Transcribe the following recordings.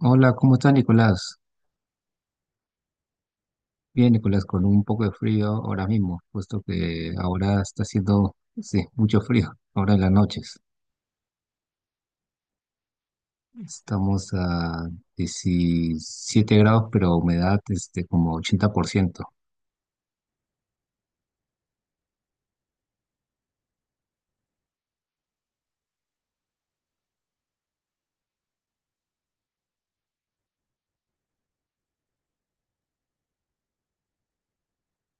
Hola, ¿cómo estás, Nicolás? Bien, Nicolás, con un poco de frío ahora mismo, puesto que ahora está haciendo, sí, mucho frío, ahora en las noches. Estamos a 17 grados, pero humedad como 80%.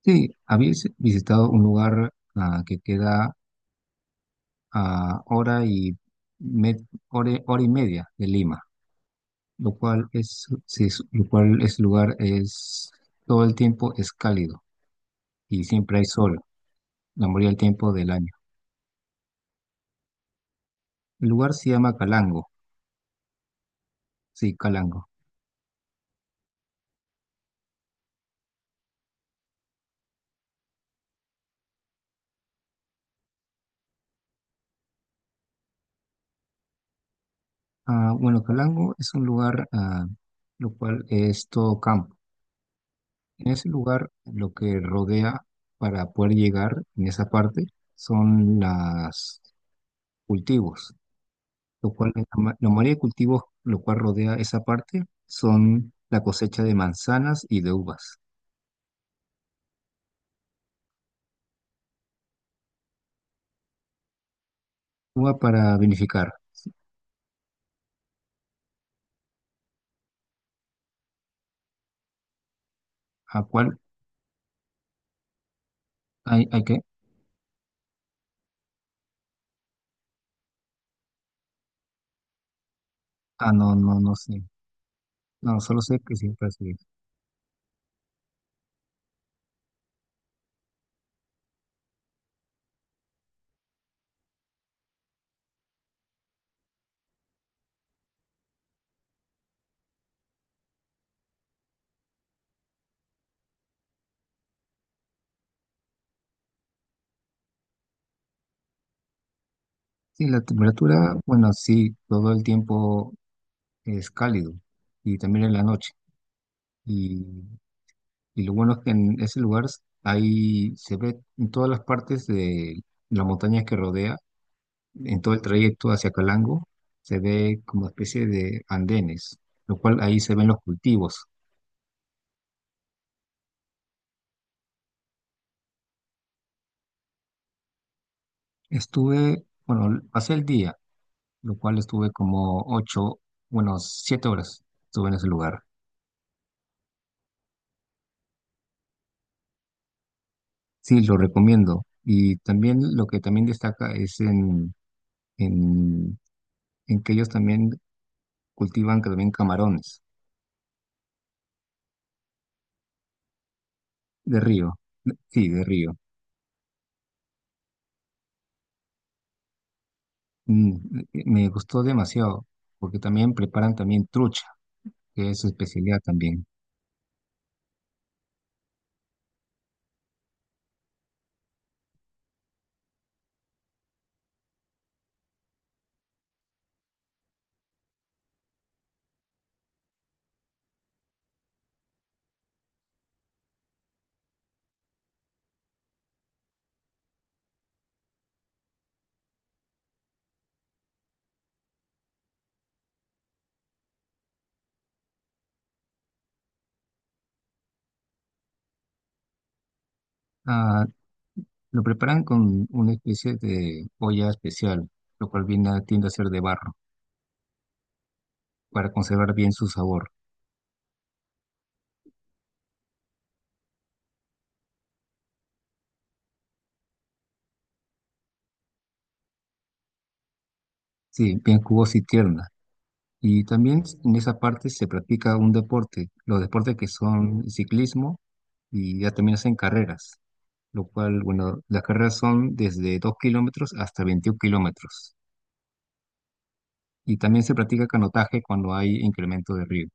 Sí, habéis visitado un lugar que queda a me- hora y media de Lima, lo cual es, sí, lo cual es lugar es todo el tiempo es cálido y siempre hay sol, la mayoría del tiempo del año. El lugar se llama Calango, sí, Calango. Ah, bueno, Calango es un lugar, lo cual es todo campo. En ese lugar, lo que rodea para poder llegar en esa parte son los cultivos, lo cual, la mayoría de cultivos, lo cual rodea esa parte, son la cosecha de manzanas y de uvas. Uva para vinificar, ¿a cuál hay que? Ah, no, no, no sé. No, solo sé que siempre así. Sí, la temperatura, bueno, sí, todo el tiempo es cálido y también en la noche. Y, y lo bueno es que en ese lugar ahí se ve en todas las partes de la montaña que rodea, en todo el trayecto hacia Calango, se ve como especie de andenes, lo cual ahí se ven los cultivos. Estuve, bueno, pasé el día, lo cual estuve como ocho, bueno, 7 horas estuve en ese lugar. Sí, lo recomiendo. Y también lo que también destaca es en en que ellos también cultivan que también camarones de río. Sí, de río. Me gustó demasiado porque también preparan también trucha, que es su especialidad también. Ah, lo preparan con una especie de olla especial, lo cual tiende a ser de barro para conservar bien su sabor. Sí, bien jugosa y tierna. Y también en esa parte se practica un deporte, los deportes que son ciclismo y ya también hacen carreras, lo cual, bueno, las carreras son desde 2 kilómetros hasta 21 kilómetros. Y también se practica canotaje cuando hay incremento de río.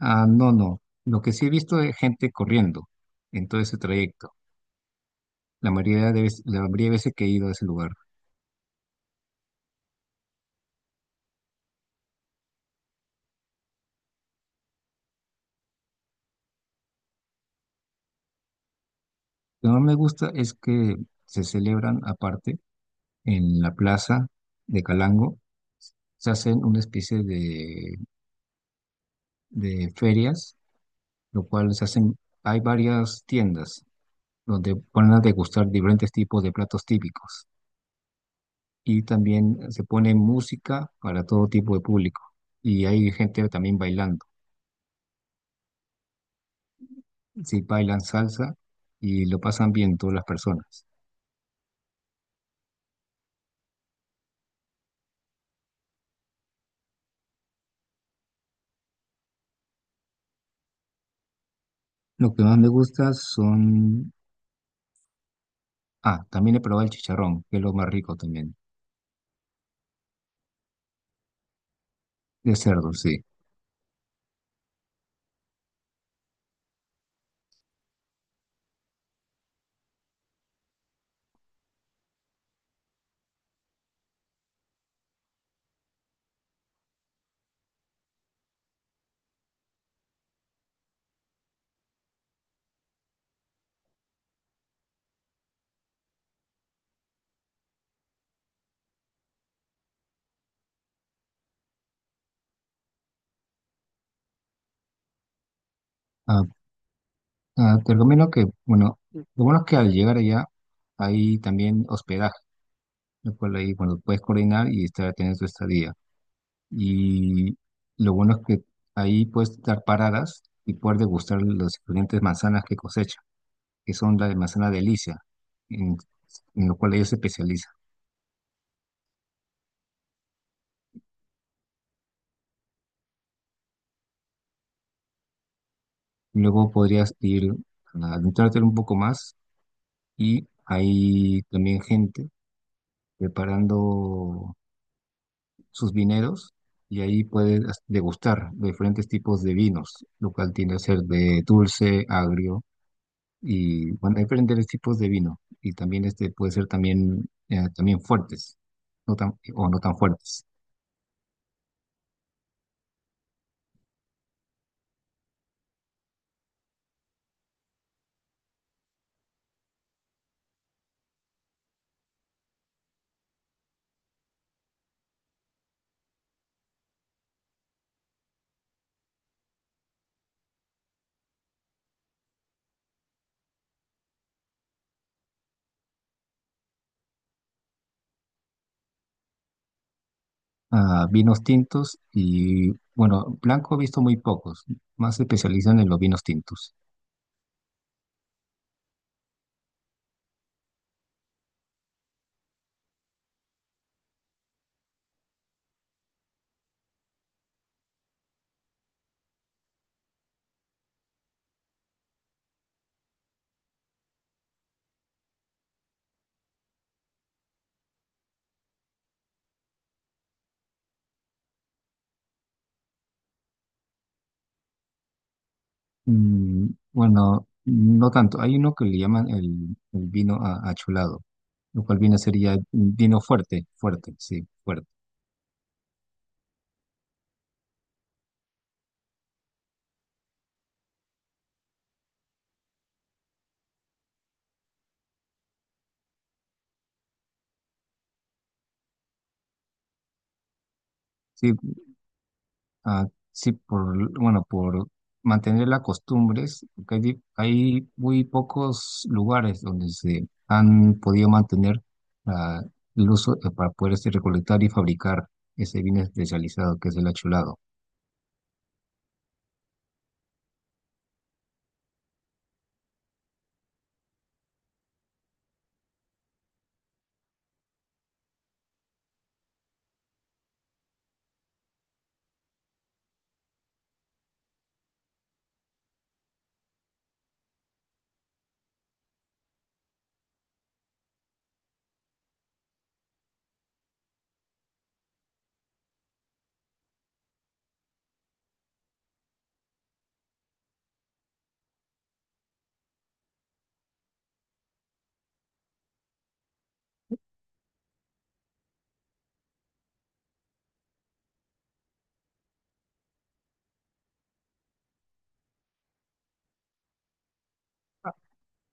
Ah, no, no. Lo que sí he visto es gente corriendo en todo ese trayecto. La mayoría de veces, la mayoría de veces que he ido a ese lugar. Lo que no me gusta es que se celebran aparte en la plaza de Calango. Se hacen una especie de ferias, lo cual se hacen, hay varias tiendas donde ponen a degustar diferentes tipos de platos típicos. Y también se pone música para todo tipo de público. Y hay gente también bailando. Sí, bailan salsa y lo pasan bien todas las personas. Lo que más me gusta son... Ah, también he probado el chicharrón, que es lo más rico también, de cerdo, sí. Ah, ah, te recomiendo que, bueno, lo bueno es que al llegar allá hay también hospedaje, lo cual ahí, bueno, puedes coordinar y estar teniendo tu estadía. Y lo bueno es que ahí puedes dar paradas y poder degustar los diferentes manzanas que cosechan que son la de manzana delicia, en, en lo cual ellos se especializan. Luego podrías ir a adentrarte un poco más y hay también gente preparando sus vineros y ahí puedes degustar los diferentes tipos de vinos, lo cual tiende a ser de dulce, agrio y bueno, hay diferentes tipos de vino y también este puede ser también, también fuertes, no tan, o no tan fuertes. A vinos tintos y, bueno, blanco he visto muy pocos, más se especializan en los vinos tintos. Mm, bueno, no tanto, hay uno que le llaman el vino achulado, lo cual viene a ser ya vino fuerte, fuerte. Sí, ah, sí, por, bueno, por mantener las costumbres, porque hay muy pocos lugares donde se han podido mantener ah, el uso para poder recolectar y fabricar ese vino especializado que es el achulado.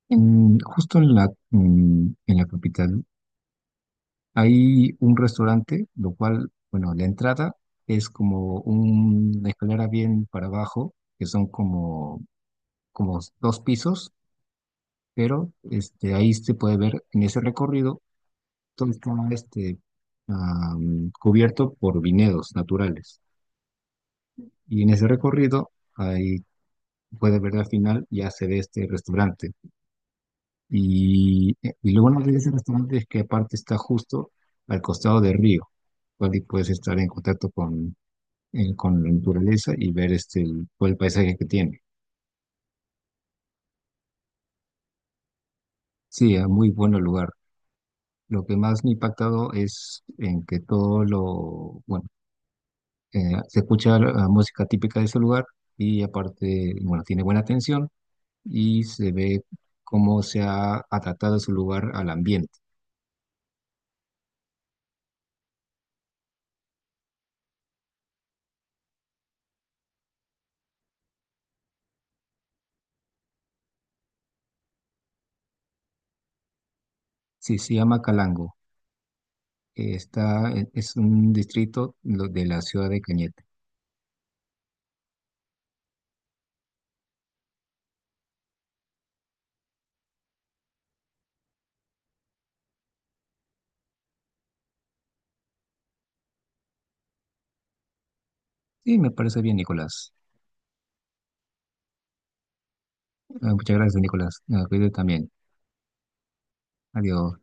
Justo en la, en la capital hay un restaurante, lo cual, bueno, la entrada es como una escalera bien para abajo, que son como, como dos pisos, pero este, ahí se puede ver en ese recorrido todo está cubierto por viñedos naturales. Y en ese recorrido, ahí puede ver al final, ya se ve este restaurante. Y lo bueno de ese restaurante es que aparte está justo al costado del río, cual y puedes estar en contacto con la naturaleza y ver todo el paisaje que tiene. Sí, es muy buen lugar. Lo que más me ha impactado es en que todo lo, bueno, se escucha la música típica de ese lugar y aparte, bueno, tiene buena atención y se ve cómo se ha adaptado ese lugar al ambiente. Sí, se llama Calango. Está, es un distrito de la ciudad de Cañete. Sí, me parece bien, Nicolás. Ah, muchas gracias, Nicolás. Ah, cuídate también. Adiós.